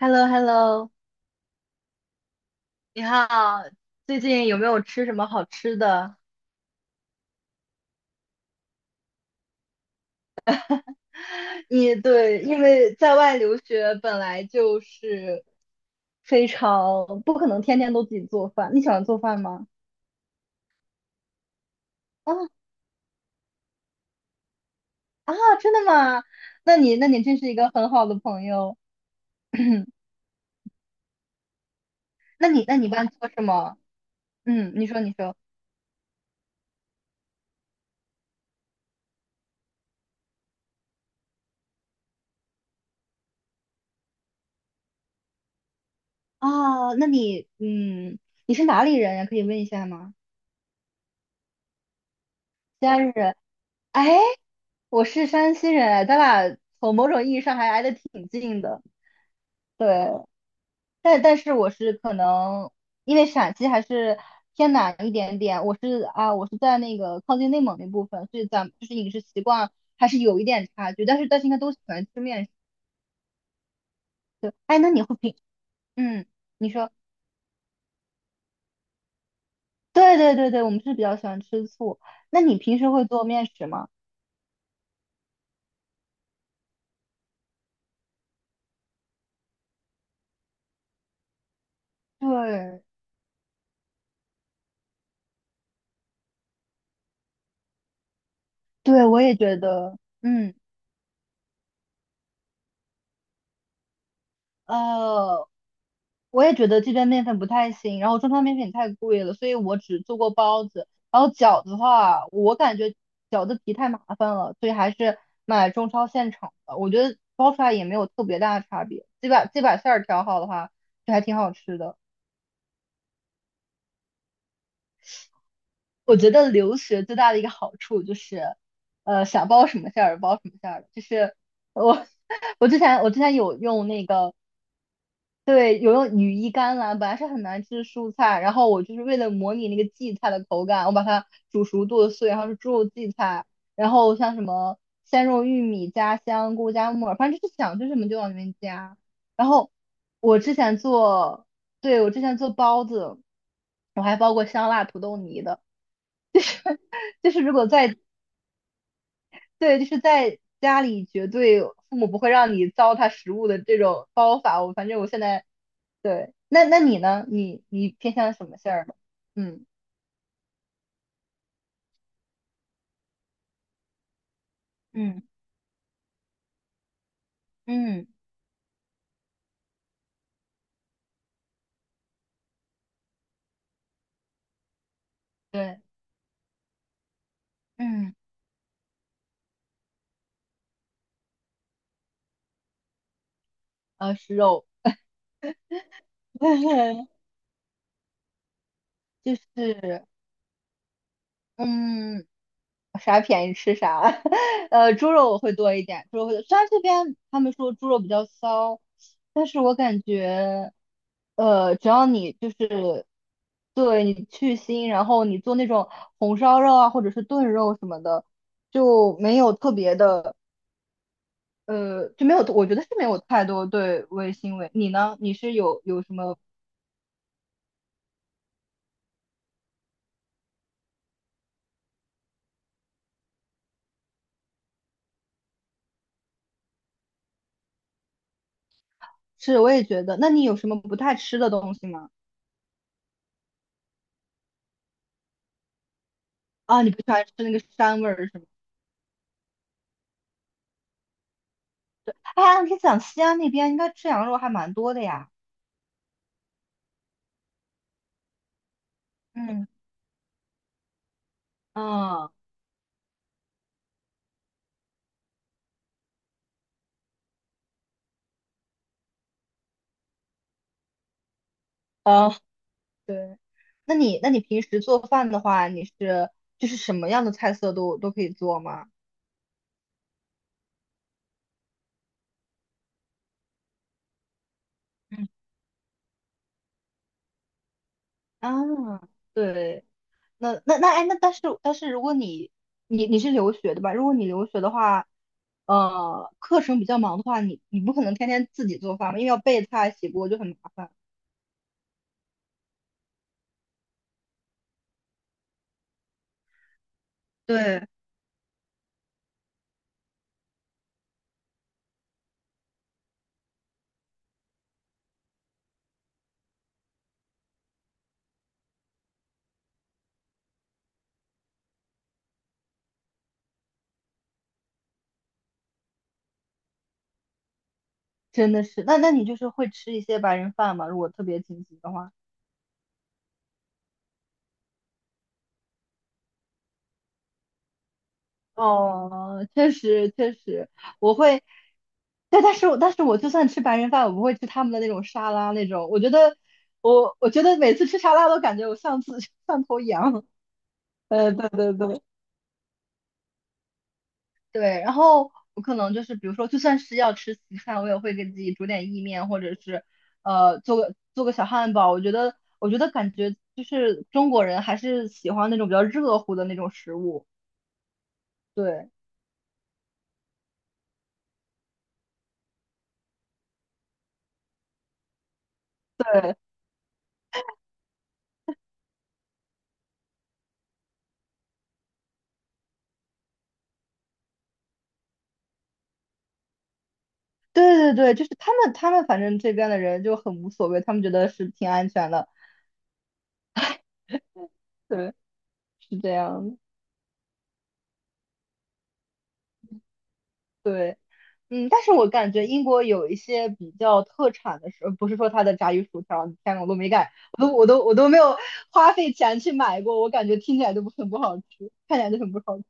h e l l o。 你好，最近有没有吃什么好吃的？对，因为在外留学本来就是非常不可能天天都自己做饭。你喜欢做饭吗？啊，啊，真的吗？那你真是一个很好的朋友。那你一般做什么？嗯，你说你说。啊，那你嗯，你是哪里人呀？可以问一下吗？西安人。哎，我是山西人，哎，咱俩从某种意义上还挨得挺近的。对，但是我是可能因为陕西还是偏南一点点，我是在那个靠近内蒙那部分，所以咱们就是饮食习惯还是有一点差距。但是应该都喜欢吃面食。对，哎，那你会平，嗯，你说。对对对对，我们是比较喜欢吃醋。那你平时会做面食吗？对，对，我也觉得，嗯。呃，我也觉得这边面粉不太行，然后中超面粉太贵了，所以我只做过包子。然后饺子的话，我感觉饺子皮太麻烦了，所以还是买中超现成的。我觉得包出来也没有特别大的差别，这把馅儿调好的话，就还挺好吃的。我觉得留学最大的一个好处就是，想包什么馅儿包什么馅儿，就是我 我之前有用那个。对，有用羽衣甘蓝，本来是很难吃的蔬菜，然后我就是为了模拟那个荠菜的口感，我把它煮熟剁碎，然后是猪肉荠菜，然后像什么鲜肉玉米加香菇加木耳，反正就是想吃什么就往里面加。然后我之前做，对，我之前做包子，我还包过香辣土豆泥的，就是如果在，对，就是在家里绝对父母不会让你糟蹋食物的这种包法，我反正我现在对，那你呢？你偏向什么馅儿的？嗯，嗯嗯，对，嗯，是肉。就是嗯，啥便宜吃啥。猪肉我会多一点，猪肉会，虽然这边他们说猪肉比较骚，但是我感觉，只要你就是对你去腥，然后你做那种红烧肉啊，或者是炖肉什么的，就没有特别的。就没有，我觉得是没有太多对味腥味。你呢？你是有什么吃也觉得。那你有什么不太吃的东西吗？啊，你不喜欢吃那个膻味儿是吗？啊，你讲西安那边应该吃羊肉还蛮多的呀。嗯，嗯，啊，对，那你平时做饭的话，就是什么样的菜色都可以做吗？嗯，啊，对，那哎，那但是如果你是留学的吧？如果你留学的话，课程比较忙的话，你不可能天天自己做饭嘛，因为要备菜洗锅就很麻烦。对，真的是，那你就是会吃一些白人饭嘛？如果特别紧急的话，哦，确实确实，我会，对，但是我就算吃白人饭，我不会吃他们的那种沙拉那种，我觉得我觉得每次吃沙拉都感觉我像次 像头羊。对对对，对，然后我可能就是比如说，就算是要吃西餐，我也会给自己煮点意面，或者是做个小汉堡。我觉得感觉就是中国人还是喜欢那种比较热乎的那种食物。对对对对对，就是他们反正这边的人就很无所谓，他们觉得是挺安全的。对，是这样的。对。嗯，但是我感觉英国有一些比较特产的食，不是说它的炸鱼薯条，天呐，我都没敢，我都没有花费钱去买过，我感觉听起来就不很不好吃，看起来就很不好吃。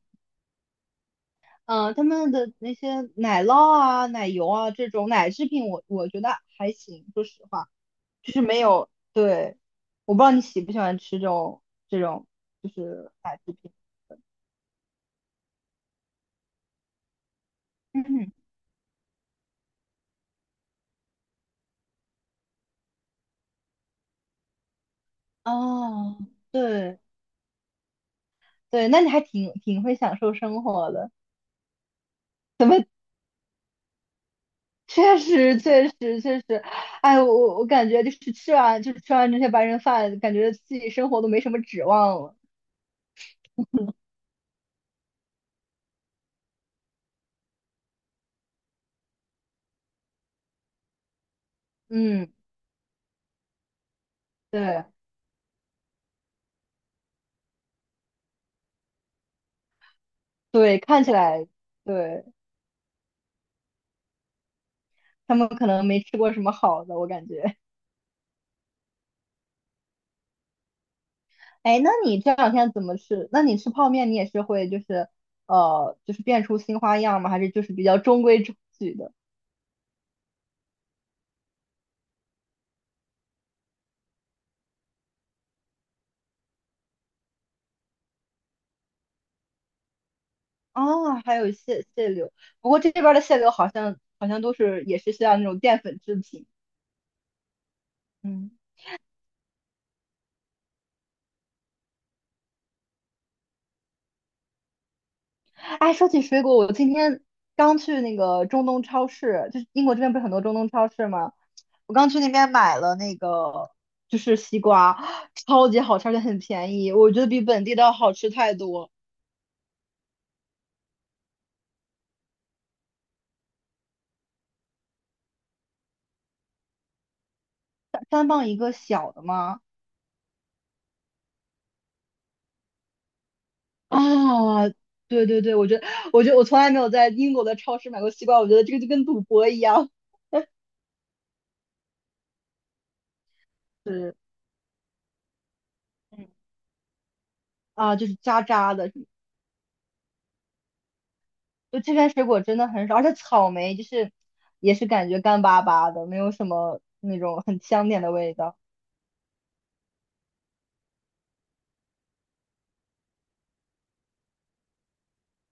嗯，他们的那些奶酪啊、奶油啊这种奶制品我觉得还行，说实话，就是没有，对，我不知道你喜不喜欢吃这种就是奶制品。嗯，哦，对对，那你还挺会享受生活的。怎么？确实，确实，确实，哎，我感觉就是吃完这些白人饭，感觉自己生活都没什么指望了。嗯，对，对，看起来，对，他们可能没吃过什么好的，我感觉。哎，那你这两天怎么吃？那你吃泡面，你也是会就是变出新花样吗？还是就是比较中规中矩的？啊，还有蟹柳，不过这边的蟹柳好像也是像那种淀粉制品。嗯。哎，说起水果，我今天刚去那个中东超市，就是英国这边不是很多中东超市吗？我刚去那边买了那个就是西瓜，超级好吃，而且很便宜，我觉得比本地的要好吃太多。三磅一个小的吗？啊，对对对，我觉得我从来没有在英国的超市买过西瓜，我觉得这个就跟赌博一样。是，嗯，啊，就是渣渣的，就这边水果真的很少，而且草莓就是也是感觉干巴巴的，没有什么那种很香甜的味道。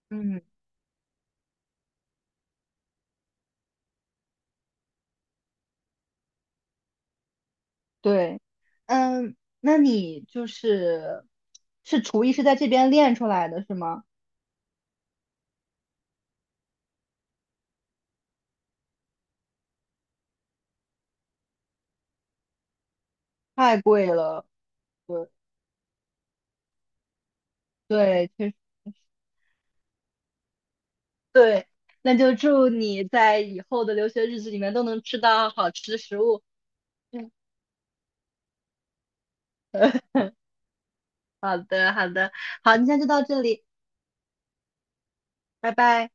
嗯，对，嗯，那你是厨艺是在这边练出来的是吗？太贵了，对对，确实，对，那就祝你在以后的留学日子里面都能吃到好吃的食物。嗯，好的好的，好，今天就到这里，拜拜。